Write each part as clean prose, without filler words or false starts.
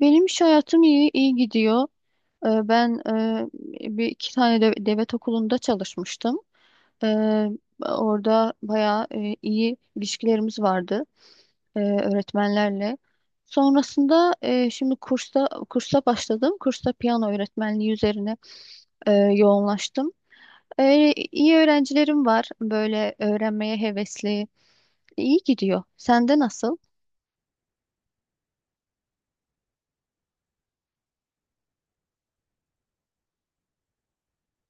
Benim iş hayatım iyi gidiyor. Ben bir iki tane de, devlet okulunda çalışmıştım. Ee, Orada bayağı iyi ilişkilerimiz vardı öğretmenlerle. Sonrasında şimdi kursa başladım. Kursta piyano öğretmenliği üzerine yoğunlaştım. İyi öğrencilerim var, böyle öğrenmeye hevesli. İyi gidiyor. Sende nasıl?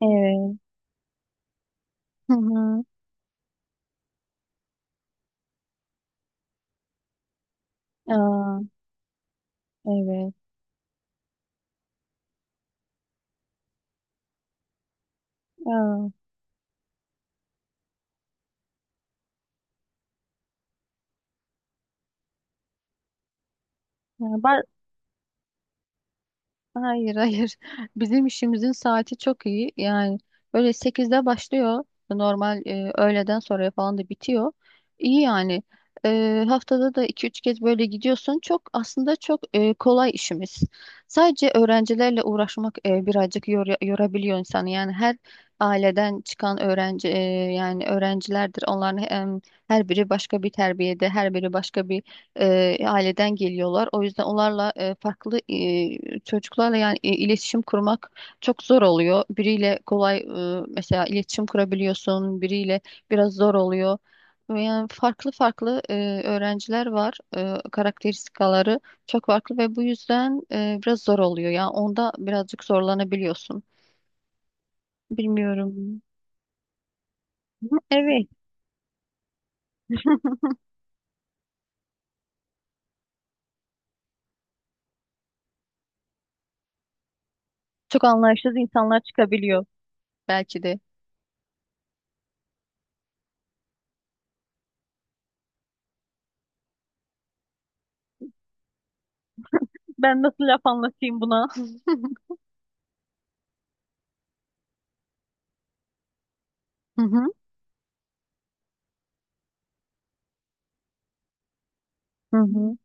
Evet. Hı hı. Aa, evet. Aa. Ya ba- Hayır, hayır. Bizim işimizin saati çok iyi. Yani böyle sekizde başlıyor. Normal öğleden sonra falan da bitiyor. İyi yani. Haftada da iki üç kez böyle gidiyorsun. Çok aslında çok kolay işimiz. Sadece öğrencilerle uğraşmak birazcık yorabiliyor insanı. Yani her aileden çıkan öğrenci yani öğrencilerdir. Her biri başka bir terbiyede, her biri başka bir aileden geliyorlar. O yüzden onlarla farklı çocuklarla yani iletişim kurmak çok zor oluyor. Biriyle kolay mesela iletişim kurabiliyorsun, biriyle biraz zor oluyor. Yani farklı farklı öğrenciler var. Karakteristikaları çok farklı ve bu yüzden biraz zor oluyor. Yani onda birazcık zorlanabiliyorsun. Bilmiyorum. Evet. Çok anlayışsız insanlar çıkabiliyor belki de. Ben nasıl laf anlatayım buna? Hı hı.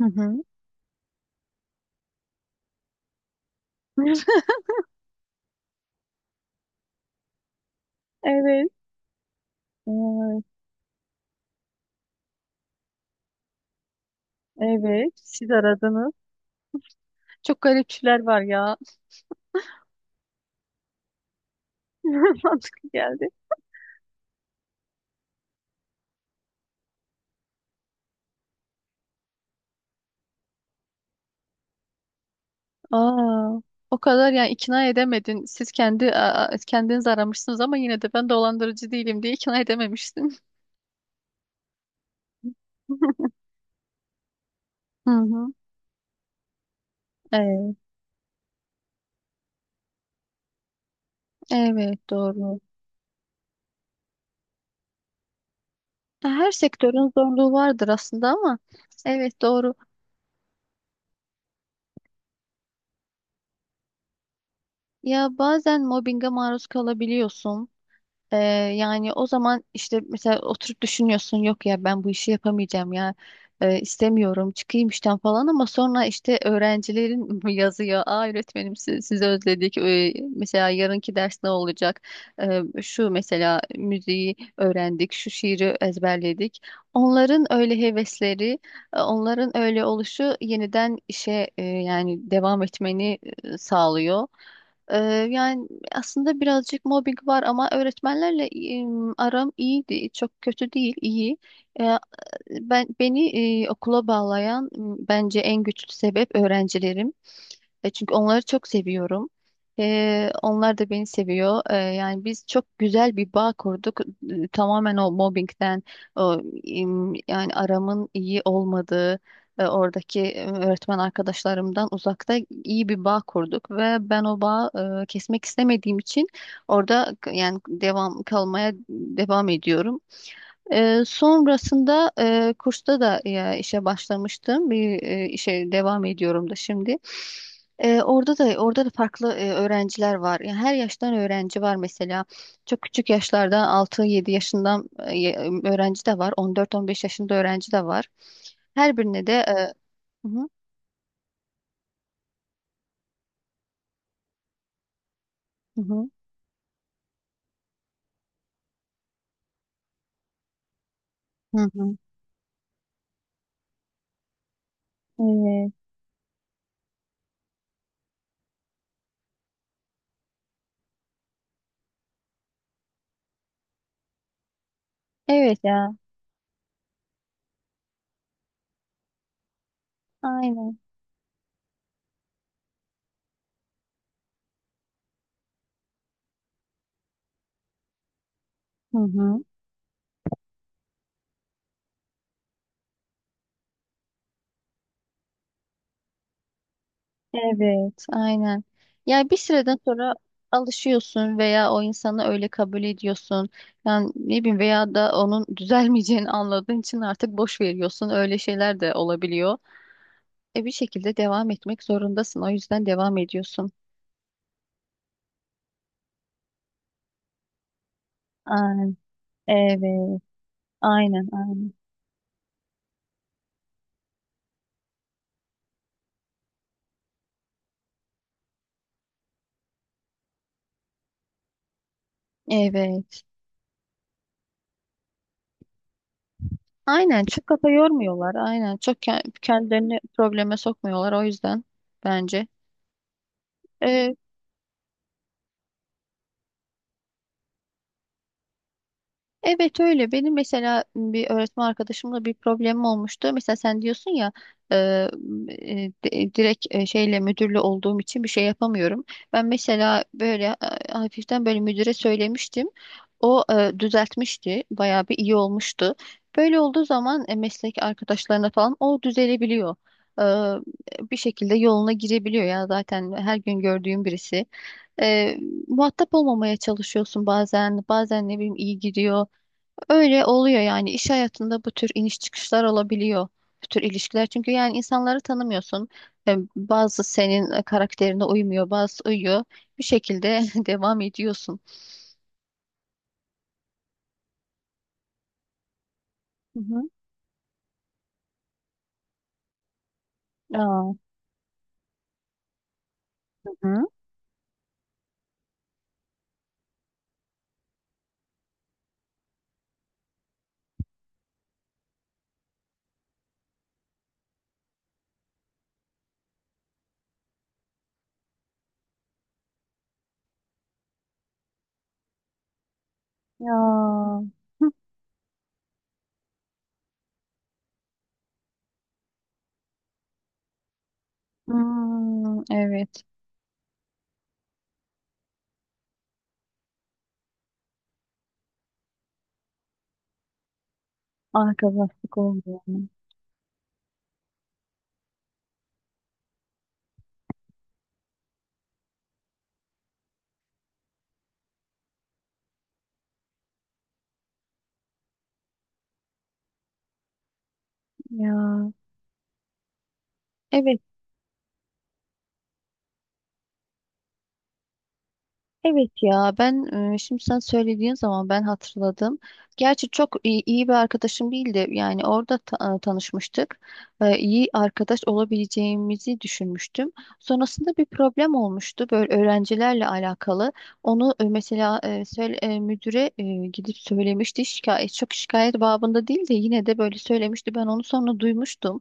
Hı hı. Evet. Evet. Evet. Siz aradınız. Çok garipçiler var ya. Mantıklı geldi. Aa, o kadar yani ikna edemedin. Siz kendi a- a- Kendiniz aramışsınız ama yine de ben dolandırıcı değilim diye ikna edememiştin. Hı hı. Evet, evet doğru. Her sektörün zorluğu vardır aslında ama evet doğru. Ya bazen mobbinge maruz kalabiliyorsun. Ee, Yani o zaman işte mesela oturup düşünüyorsun, yok ya ben bu işi yapamayacağım ya. İstemiyorum çıkayım işten falan, ama sonra işte öğrencilerin yazıyor, aa öğretmenim siz, sizi özledik. Mesela yarınki ders ne olacak? Şu mesela müziği öğrendik, şu şiiri ezberledik. Onların öyle hevesleri, onların öyle oluşu yeniden işe yani devam etmeni sağlıyor. Ee, Yani aslında birazcık mobbing var ama öğretmenlerle aram iyiydi. Çok kötü değil, iyi. E, beni okula bağlayan bence en güçlü sebep öğrencilerim. Çünkü onları çok seviyorum. Onlar da beni seviyor. Yani biz çok güzel bir bağ kurduk. Tamamen o mobbingden, o, yani aramın iyi olmadığı, oradaki öğretmen arkadaşlarımdan uzakta iyi bir bağ kurduk ve ben o bağı kesmek istemediğim için orada yani kalmaya devam ediyorum. Sonrasında kursta da işe başlamıştım. Bir işe devam ediyorum da şimdi. Orada da farklı öğrenciler var. Yani her yaştan öğrenci var mesela. Çok küçük yaşlardan altı yedi yaşından öğrenci de var. On dört on beş yaşında öğrenci de var. Her birine de hı hı, hı hı, hı hı. Evet. Evet ya. Aynen. Hı hı. Evet, aynen. Yani bir süreden sonra alışıyorsun veya o insanı öyle kabul ediyorsun. Yani ne bileyim veya da onun düzelmeyeceğini anladığın için artık boş veriyorsun. Öyle şeyler de olabiliyor. E bir şekilde devam etmek zorundasın. O yüzden devam ediyorsun. Aynen. Evet. Aynen, aynen. Evet. Aynen, çok kafa yormuyorlar. Aynen, çok kendilerini probleme sokmuyorlar, o yüzden bence. E, Evet öyle. Benim mesela bir öğretmen arkadaşımla bir problemim olmuştu. Mesela sen diyorsun ya e, direkt şeyle müdürlü olduğum için bir şey yapamıyorum. Ben mesela böyle hafiften böyle müdüre söylemiştim. O düzeltmişti. Bayağı bir iyi olmuştu. Böyle olduğu zaman meslek arkadaşlarına falan o düzelebiliyor. E, Bir şekilde yoluna girebiliyor ya, zaten her gün gördüğüm birisi. E, Muhatap olmamaya çalışıyorsun bazen. Bazen ne bileyim iyi gidiyor. Öyle oluyor yani, iş hayatında bu tür iniş çıkışlar olabiliyor. Bu tür ilişkiler, çünkü yani insanları tanımıyorsun. Bazı senin karakterine uymuyor, bazı uyuyor. Bir şekilde devam ediyorsun. Hı hı. Aa. Hı hı. Ya. Hı. Hmm, evet. Arkadaşlık oldu yani. Ya. Evet. Evet ya, ben şimdi sen söylediğin zaman ben hatırladım. Gerçi çok iyi bir arkadaşım değildi. Yani orada tanışmıştık. İyi arkadaş olabileceğimizi düşünmüştüm. Sonrasında bir problem olmuştu böyle öğrencilerle alakalı. Onu mesela müdüre gidip söylemişti. Çok şikayet babında değil de yine de böyle söylemişti. Ben onu sonra duymuştum.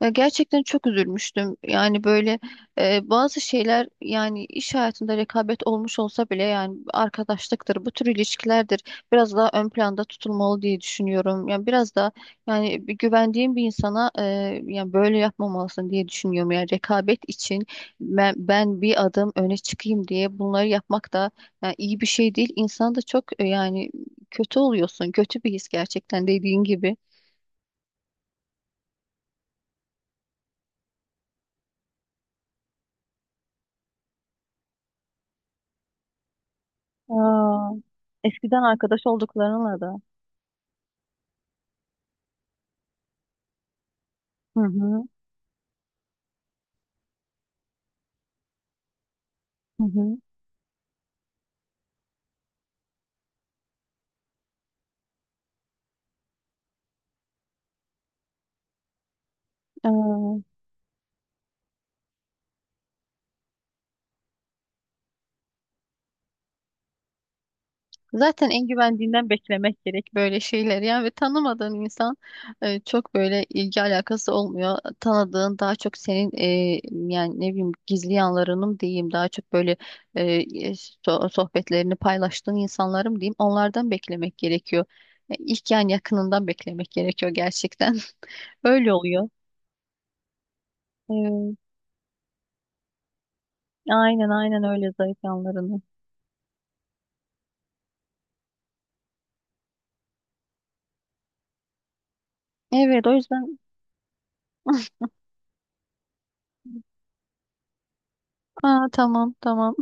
Ya gerçekten çok üzülmüştüm. Yani böyle bazı şeyler, yani iş hayatında rekabet olmuş olsa bile yani arkadaşlıktır, bu tür ilişkilerdir biraz daha ön planda tutulmalı diye düşünüyorum. Yani biraz da yani bir güvendiğim bir insana yani böyle yapmamalısın diye düşünüyorum. Yani rekabet için ben bir adım öne çıkayım diye bunları yapmak da yani iyi bir şey değil. İnsan da çok yani kötü oluyorsun. Kötü bir his gerçekten, dediğin gibi. Aa, eskiden arkadaş olduklarınla da. Hı hı. Hı hı. Aa, zaten en güvendiğinden beklemek gerek böyle şeyler. Yani ve tanımadığın insan çok böyle ilgi alakası olmuyor. Tanıdığın daha çok senin yani ne bileyim gizli yanlarının diyeyim, daha çok böyle e, e, sohbetlerini paylaştığın insanlarım diyeyim, onlardan beklemek gerekiyor. İlk yani yakınından beklemek gerekiyor gerçekten. Öyle oluyor. Evet. Aynen, aynen, öyle, zayıf yanlarını. Evet o yüzden. Aa, tamam, tamam.